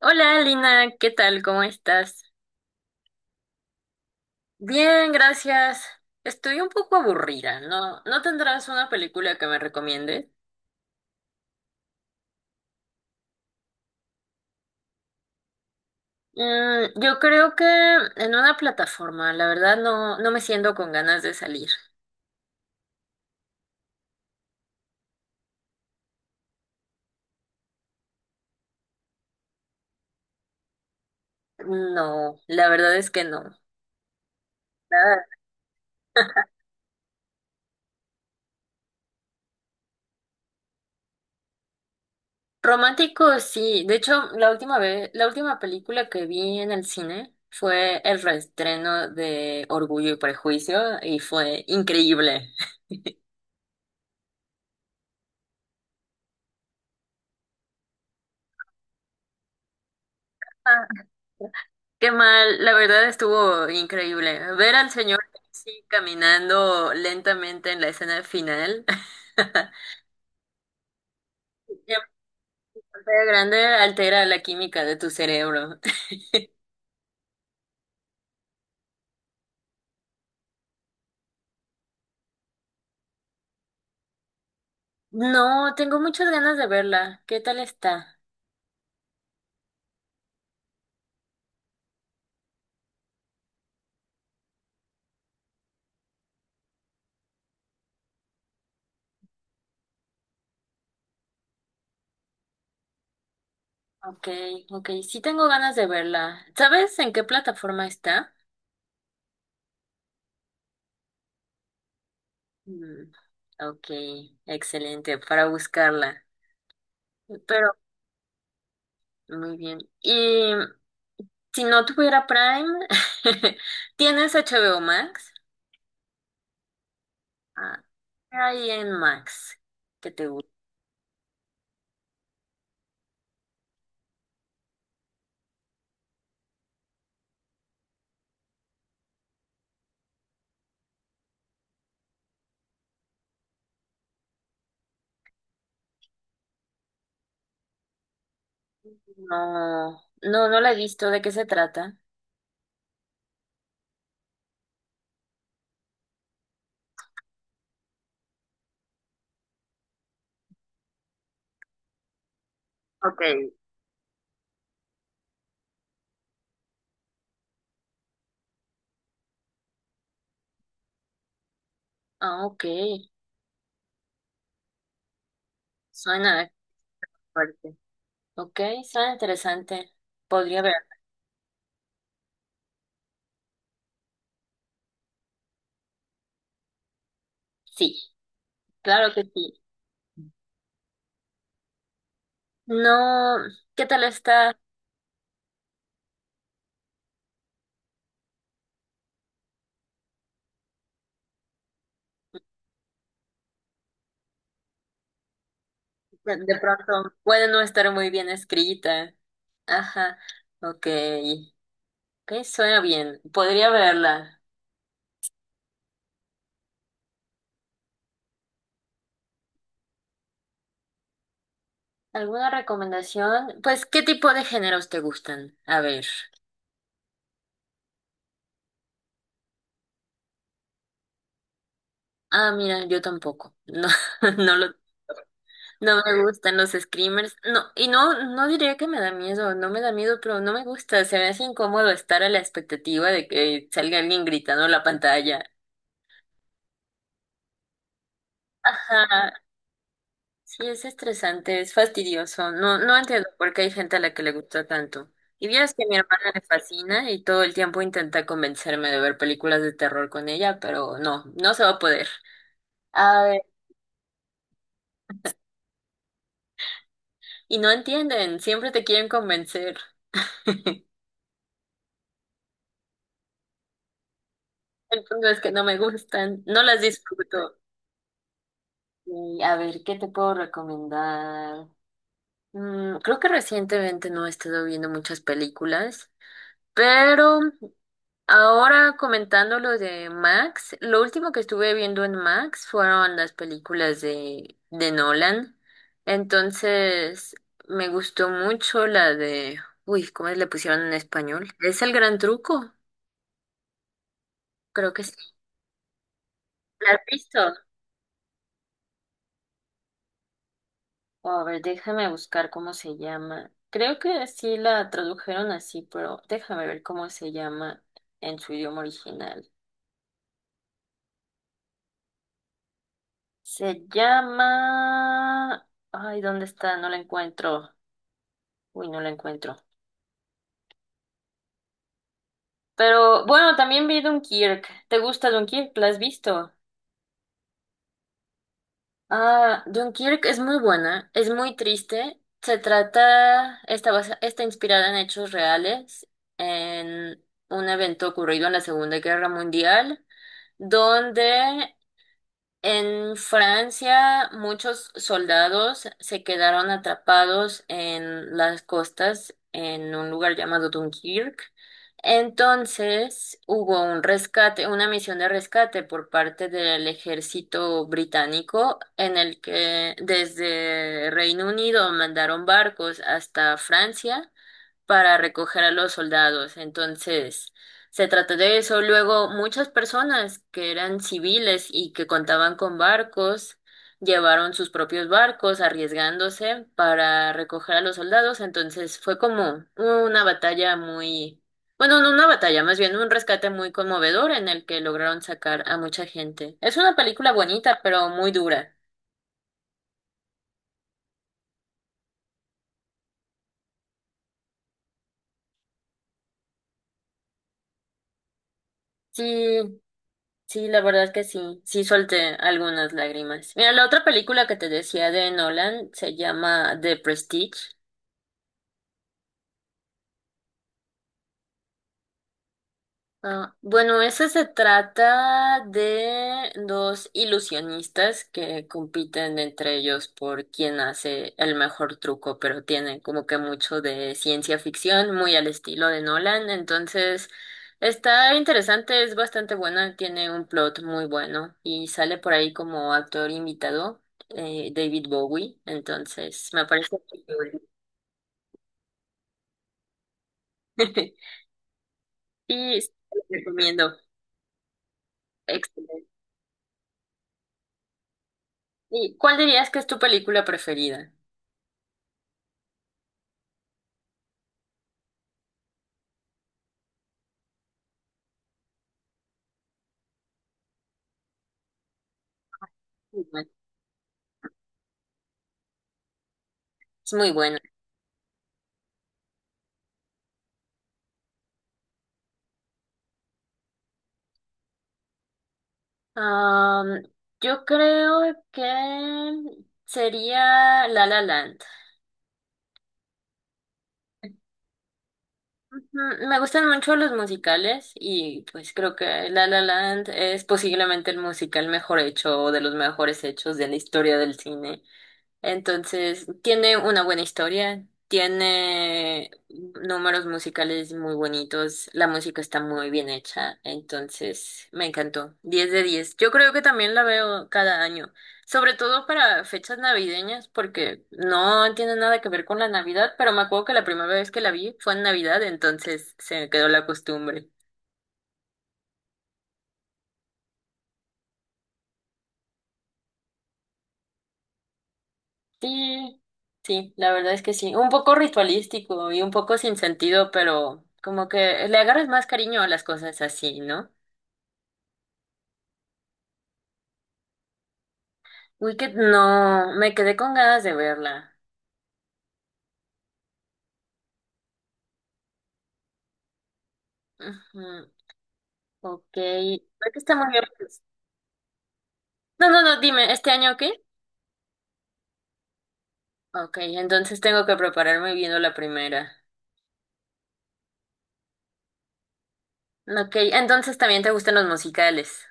Hola, Lina, ¿qué tal? ¿Cómo estás? Bien, gracias. Estoy un poco aburrida, ¿no? ¿No tendrás una película que me recomiendes? Yo creo que en una plataforma, la verdad no me siento con ganas de salir. No, la verdad es que no. Nada. Romántico, sí. De hecho, la última vez, la última película que vi en el cine fue el reestreno de Orgullo y Prejuicio y fue increíble. Ah. Qué mal, la verdad estuvo increíble. Ver al señor Casey caminando lentamente en la escena final. En pantalla grande altera la química de tu cerebro. No, tengo muchas ganas de verla. ¿Qué tal está? Ok, ok, sí tengo ganas de verla. ¿Sabes en qué plataforma está? Mm, ok, excelente, para buscarla. Pero, muy bien. Y si no tuviera Prime, ¿tienes HBO Max? Ah, ahí en Max, que te gusta. No la he visto. ¿De qué se trata? Ok, Ah, ok. Suena fuerte. Ok, suena interesante. Podría ver. Sí, claro que sí. No, ¿qué tal está? De pronto puede no estar muy bien escrita. Ajá, ok. Ok, suena bien. Podría verla. ¿Alguna recomendación? Pues, ¿qué tipo de géneros te gustan? A ver. Ah, mira, yo tampoco. No, no lo, no me gustan los screamers. No, y no diría que me da miedo, no me da miedo, pero no me gusta. Se me hace incómodo estar a la expectativa de que salga alguien gritando en la pantalla. Ajá, sí, es estresante, es fastidioso. No entiendo por qué hay gente a la que le gusta tanto. Y vieras que a mi hermana le fascina y todo el tiempo intenta convencerme de ver películas de terror con ella, pero no, no se va a poder. A ver, y no entienden, siempre te quieren convencer. El punto es que no me gustan, no las disfruto. Y a ver, ¿qué te puedo recomendar? Creo que recientemente no he estado viendo muchas películas, pero ahora comentando lo de Max, lo último que estuve viendo en Max fueron las películas de Nolan. Entonces, me gustó mucho la de, uy, ¿cómo le pusieron en español? ¿Es el gran truco? Creo que sí. ¿La has visto? Oh, a ver, déjame buscar cómo se llama. Creo que sí la tradujeron así, pero déjame ver cómo se llama en su idioma original. Se llama... Ay, ¿dónde está? No la encuentro. Uy, no la encuentro. Pero bueno, también vi Dunkirk. ¿Te gusta Dunkirk? ¿La has visto? Ah, Dunkirk es muy buena, es muy triste. Se trata, está inspirada en hechos reales, en un evento ocurrido en la Segunda Guerra Mundial, donde en Francia muchos soldados se quedaron atrapados en las costas en un lugar llamado Dunkirk. Entonces hubo un rescate, una misión de rescate por parte del ejército británico en el que desde Reino Unido mandaron barcos hasta Francia para recoger a los soldados. Entonces, se trató de eso. Luego, muchas personas que eran civiles y que contaban con barcos, llevaron sus propios barcos arriesgándose para recoger a los soldados. Entonces, fue como una batalla muy, bueno, no una batalla, más bien un rescate muy conmovedor en el que lograron sacar a mucha gente. Es una película bonita, pero muy dura. Sí, Sí, la verdad que sí, sí solté algunas lágrimas. Mira, la otra película que te decía de Nolan se llama The Prestige. Ah, bueno, ese se trata de dos ilusionistas que compiten entre ellos por quién hace el mejor truco, pero tiene como que mucho de ciencia ficción, muy al estilo de Nolan, entonces está interesante, es bastante buena, tiene un plot muy bueno y sale por ahí como actor invitado, David Bowie, entonces me parece muy cool. Y sí, lo recomiendo. ¿Y cuál dirías que es tu película preferida? Muy buena. Es muy buena. Am, yo creo que sería La La Land. Me gustan mucho los musicales y pues creo que La La Land es posiblemente el musical mejor hecho o de los mejores hechos de la historia del cine. Entonces, tiene una buena historia, tiene números musicales muy bonitos, la música está muy bien hecha, entonces me encantó. Diez de 10. Yo creo que también la veo cada año, sobre todo para fechas navideñas, porque no tiene nada que ver con la Navidad, pero me acuerdo que la primera vez que la vi fue en Navidad, entonces se me quedó la costumbre. Sí, sí, la verdad es que sí. Un poco ritualístico y un poco sin sentido, pero como que le agarras más cariño a las cosas así, ¿no? Wicked no, me quedé con ganas de verla. Ujú, ok, creo que está muy bien, pues. No, no, no, dime, ¿este año qué? Ok, entonces tengo que prepararme viendo la primera. Ok, entonces también te gustan los musicales.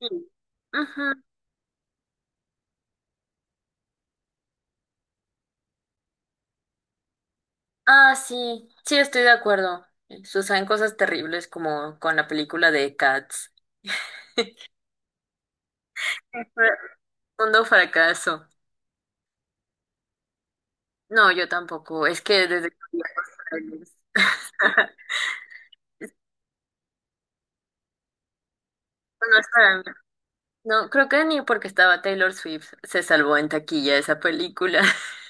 Sí. Ujú. Ah, sí, sí, estoy de acuerdo. Suceden cosas terribles como con la película de Cats. Sí, fue mundo fracaso. No, yo tampoco. Es que desde que vi a Taylor Swift- no es para mí. No, creo que ni porque estaba Taylor Swift se salvó en taquilla esa película.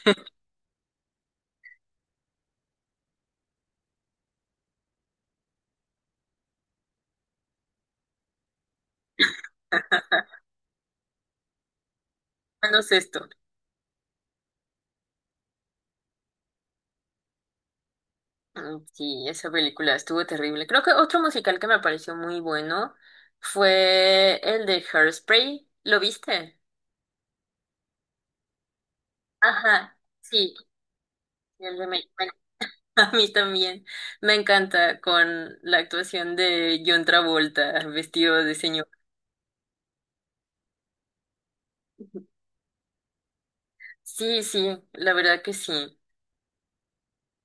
No es esto. Sí, esa película estuvo terrible. Creo que otro musical que me pareció muy bueno fue el de Hairspray. ¿Lo viste? Ajá, sí. El de bueno, a mí también. Me encanta con la actuación de John Travolta vestido de señor. Sí, sí, la verdad que sí.